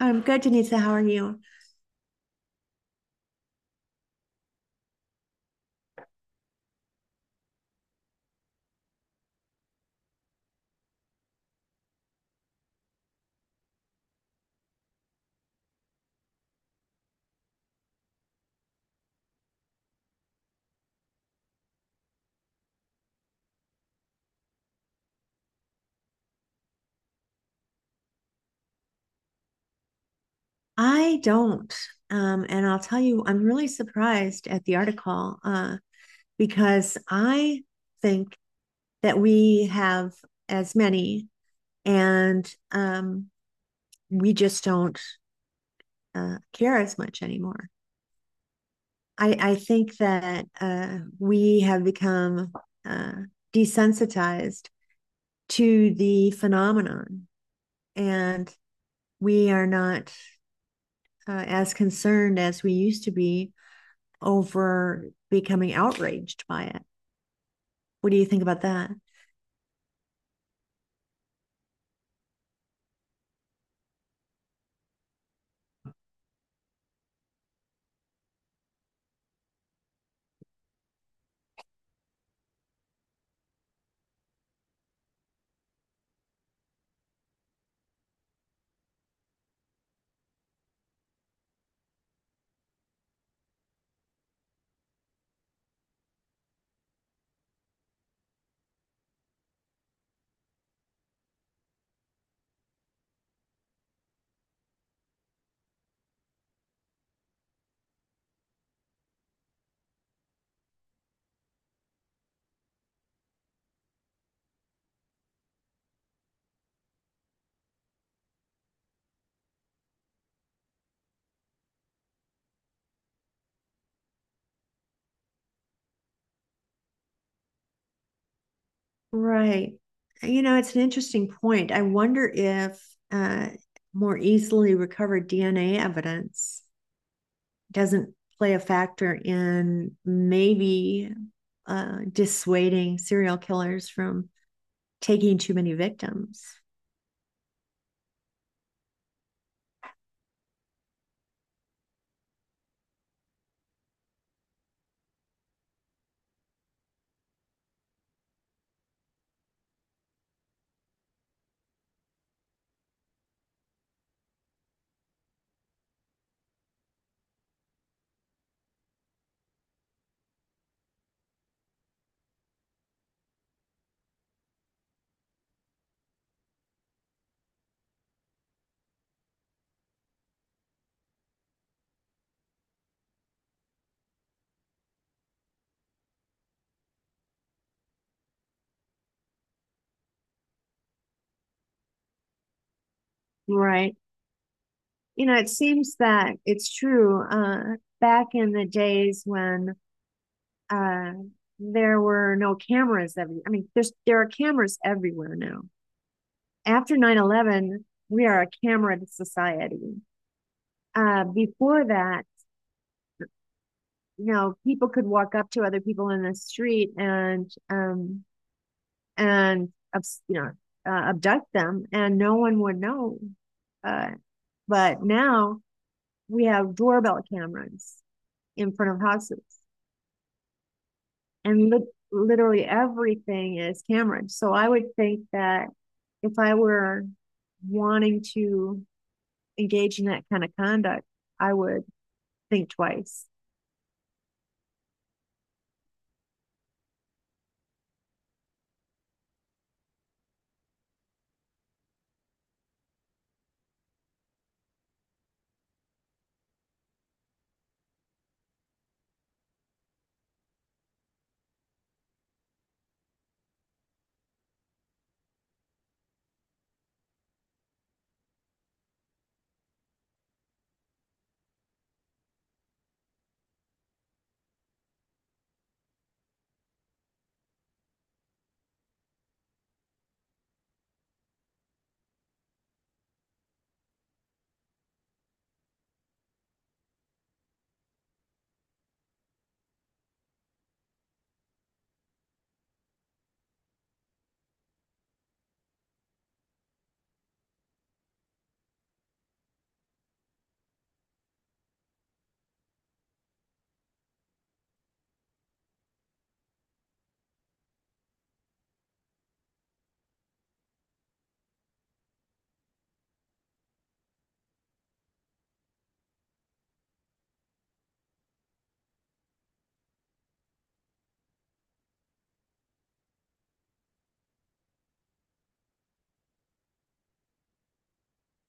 I'm good, Denisa. How are you? I don't. And I'll tell you, I'm really surprised at the article because I think that we have as many and we just don't care as much anymore. I think that we have become uh, desensitized to the phenomenon and we are not as concerned as we used to be over becoming outraged by it. What do you think about that? Right. You know, it's an interesting point. I wonder if uh, more easily recovered DNA evidence doesn't play a factor in maybe dissuading serial killers from taking too many victims. Right. You know, it seems that it's true. Back in the days when uh, there were no cameras every I mean there are cameras everywhere now after 9/11. We are a camera society. Before that, you know, people could walk up to other people in the street and you know, abduct them and no one would know, uh, but now we have doorbell cameras in front of houses and literally everything is Cameron. So I would think that if I were wanting to engage in that kind of conduct, I would think twice.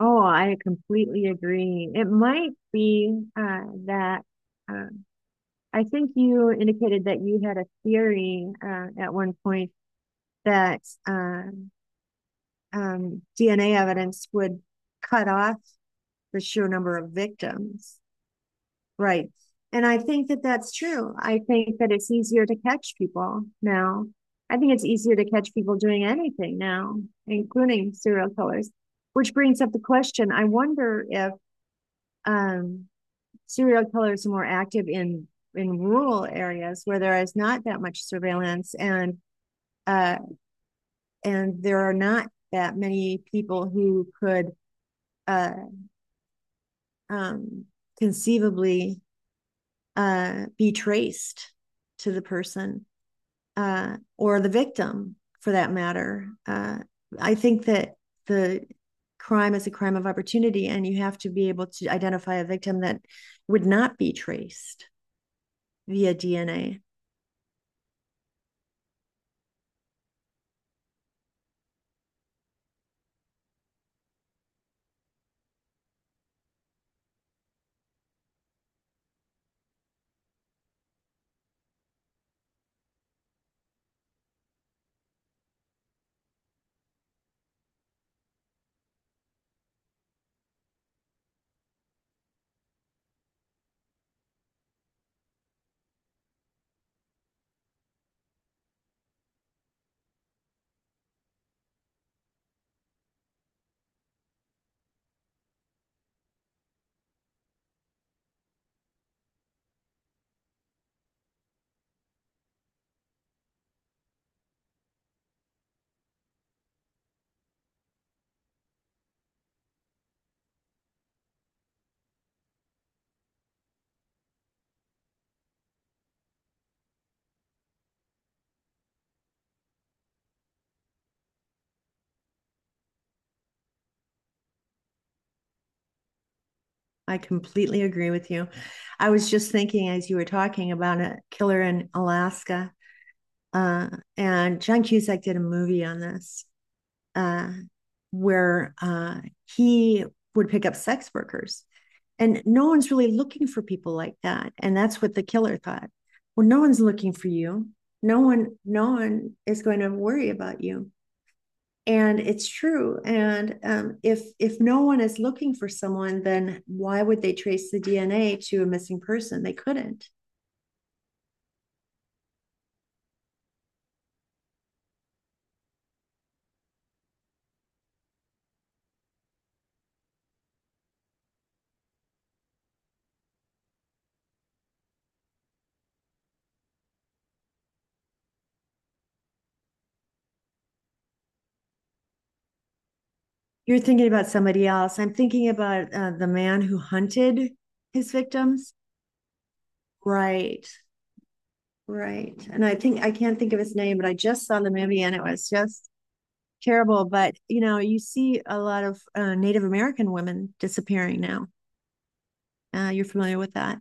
Oh, I completely agree. It might be that uh, I think you indicated that you had a theory at one point that uh, DNA evidence would cut off the sheer number of victims. Right. And I think that that's true. I think that it's easier to catch people now. I think it's easier to catch people doing anything now, including serial killers, which brings up the question. I wonder if um, serial killers are more active in rural areas where there is not that much surveillance uh, and there are not that many people who could uh, um, conceivably be traced to the person, or the victim for that matter. I think that the crime is a crime of opportunity, and you have to be able to identify a victim that would not be traced via DNA. I completely agree with you. I was just thinking as you were talking about a killer in Alaska. Uh, and John Cusack did a movie on this, uh, where he would pick up sex workers. And no one's really looking for people like that. And that's what the killer thought. Well, no one's looking for you. No one is going to worry about you, and it's true. And if no one is looking for someone, then why would they trace the DNA to a missing person? They couldn't. You're thinking about somebody else. I'm thinking about the man who hunted his victims. Right. Right. And I think I can't think of his name, but I just saw the movie and it was just terrible. But you know, you see a lot of Native American women disappearing now. You're familiar with that,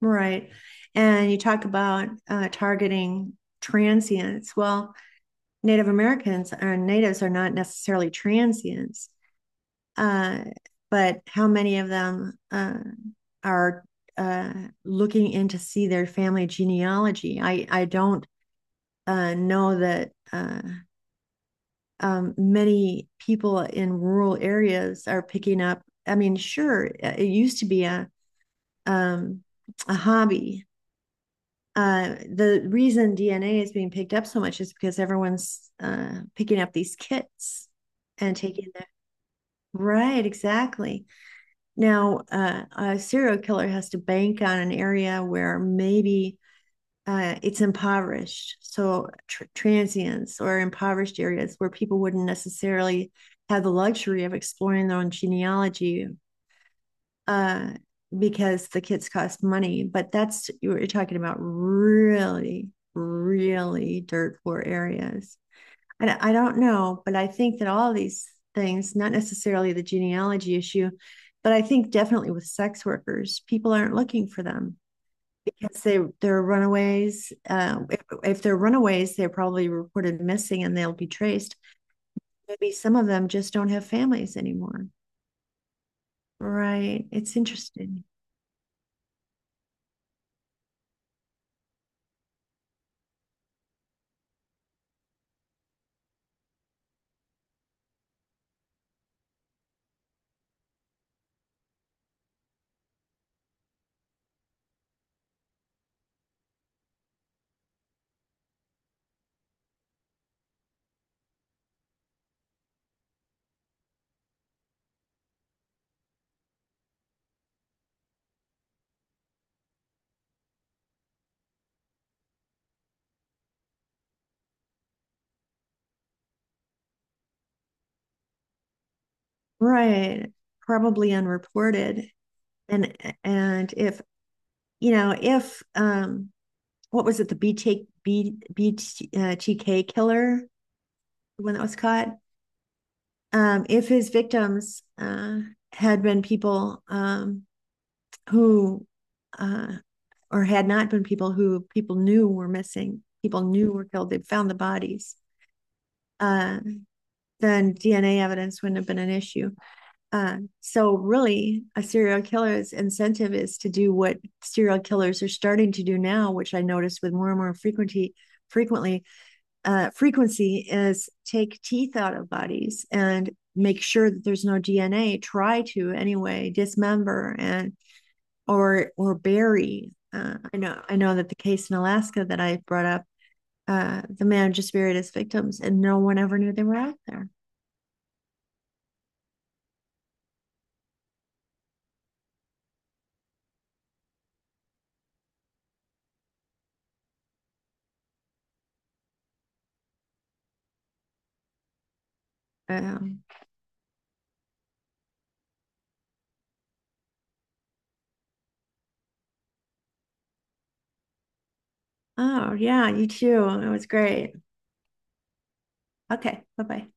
right? And you talk about targeting transients. Well, Native Americans or natives are not necessarily transients, uh, but how many of them are uh, looking in to see their family genealogy? I don't know that many people in rural areas are picking up. I mean, sure, it used to be um, a hobby. The reason DNA is being picked up so much is because everyone's picking up these kits and taking their, right, exactly. Now a serial killer has to bank on an area where maybe it's impoverished. So transients or impoverished areas where people wouldn't necessarily have the luxury of exploring their own genealogy, uh, because the kits cost money. But that's, you're talking about really, really dirt poor areas. And I don't know, but I think that all these things, not necessarily the genealogy issue, but I think definitely with sex workers, people aren't looking for them. Yes, they're runaways. If they're runaways, they're probably reported missing and they'll be traced. Maybe some of them just don't have families anymore. Right. It's interesting. Right. Probably unreported. And and if you know, if what was it, the BT, killer, the one that was caught? If his victims had been people who uh or had not been people who people knew were missing, people knew were killed, they found the bodies, uh, then DNA evidence wouldn't have been an issue. So really, a serial killer's incentive is to do what serial killers are starting to do now, which I notice with more and more frequency. Frequently, Frequency is take teeth out of bodies and make sure that there's no DNA. Try to anyway dismember and or bury. I know that the case in Alaska that I brought up, the man just buried his victims, and no one ever knew they were out there. Um, oh yeah, you too. It was great. Okay, bye bye.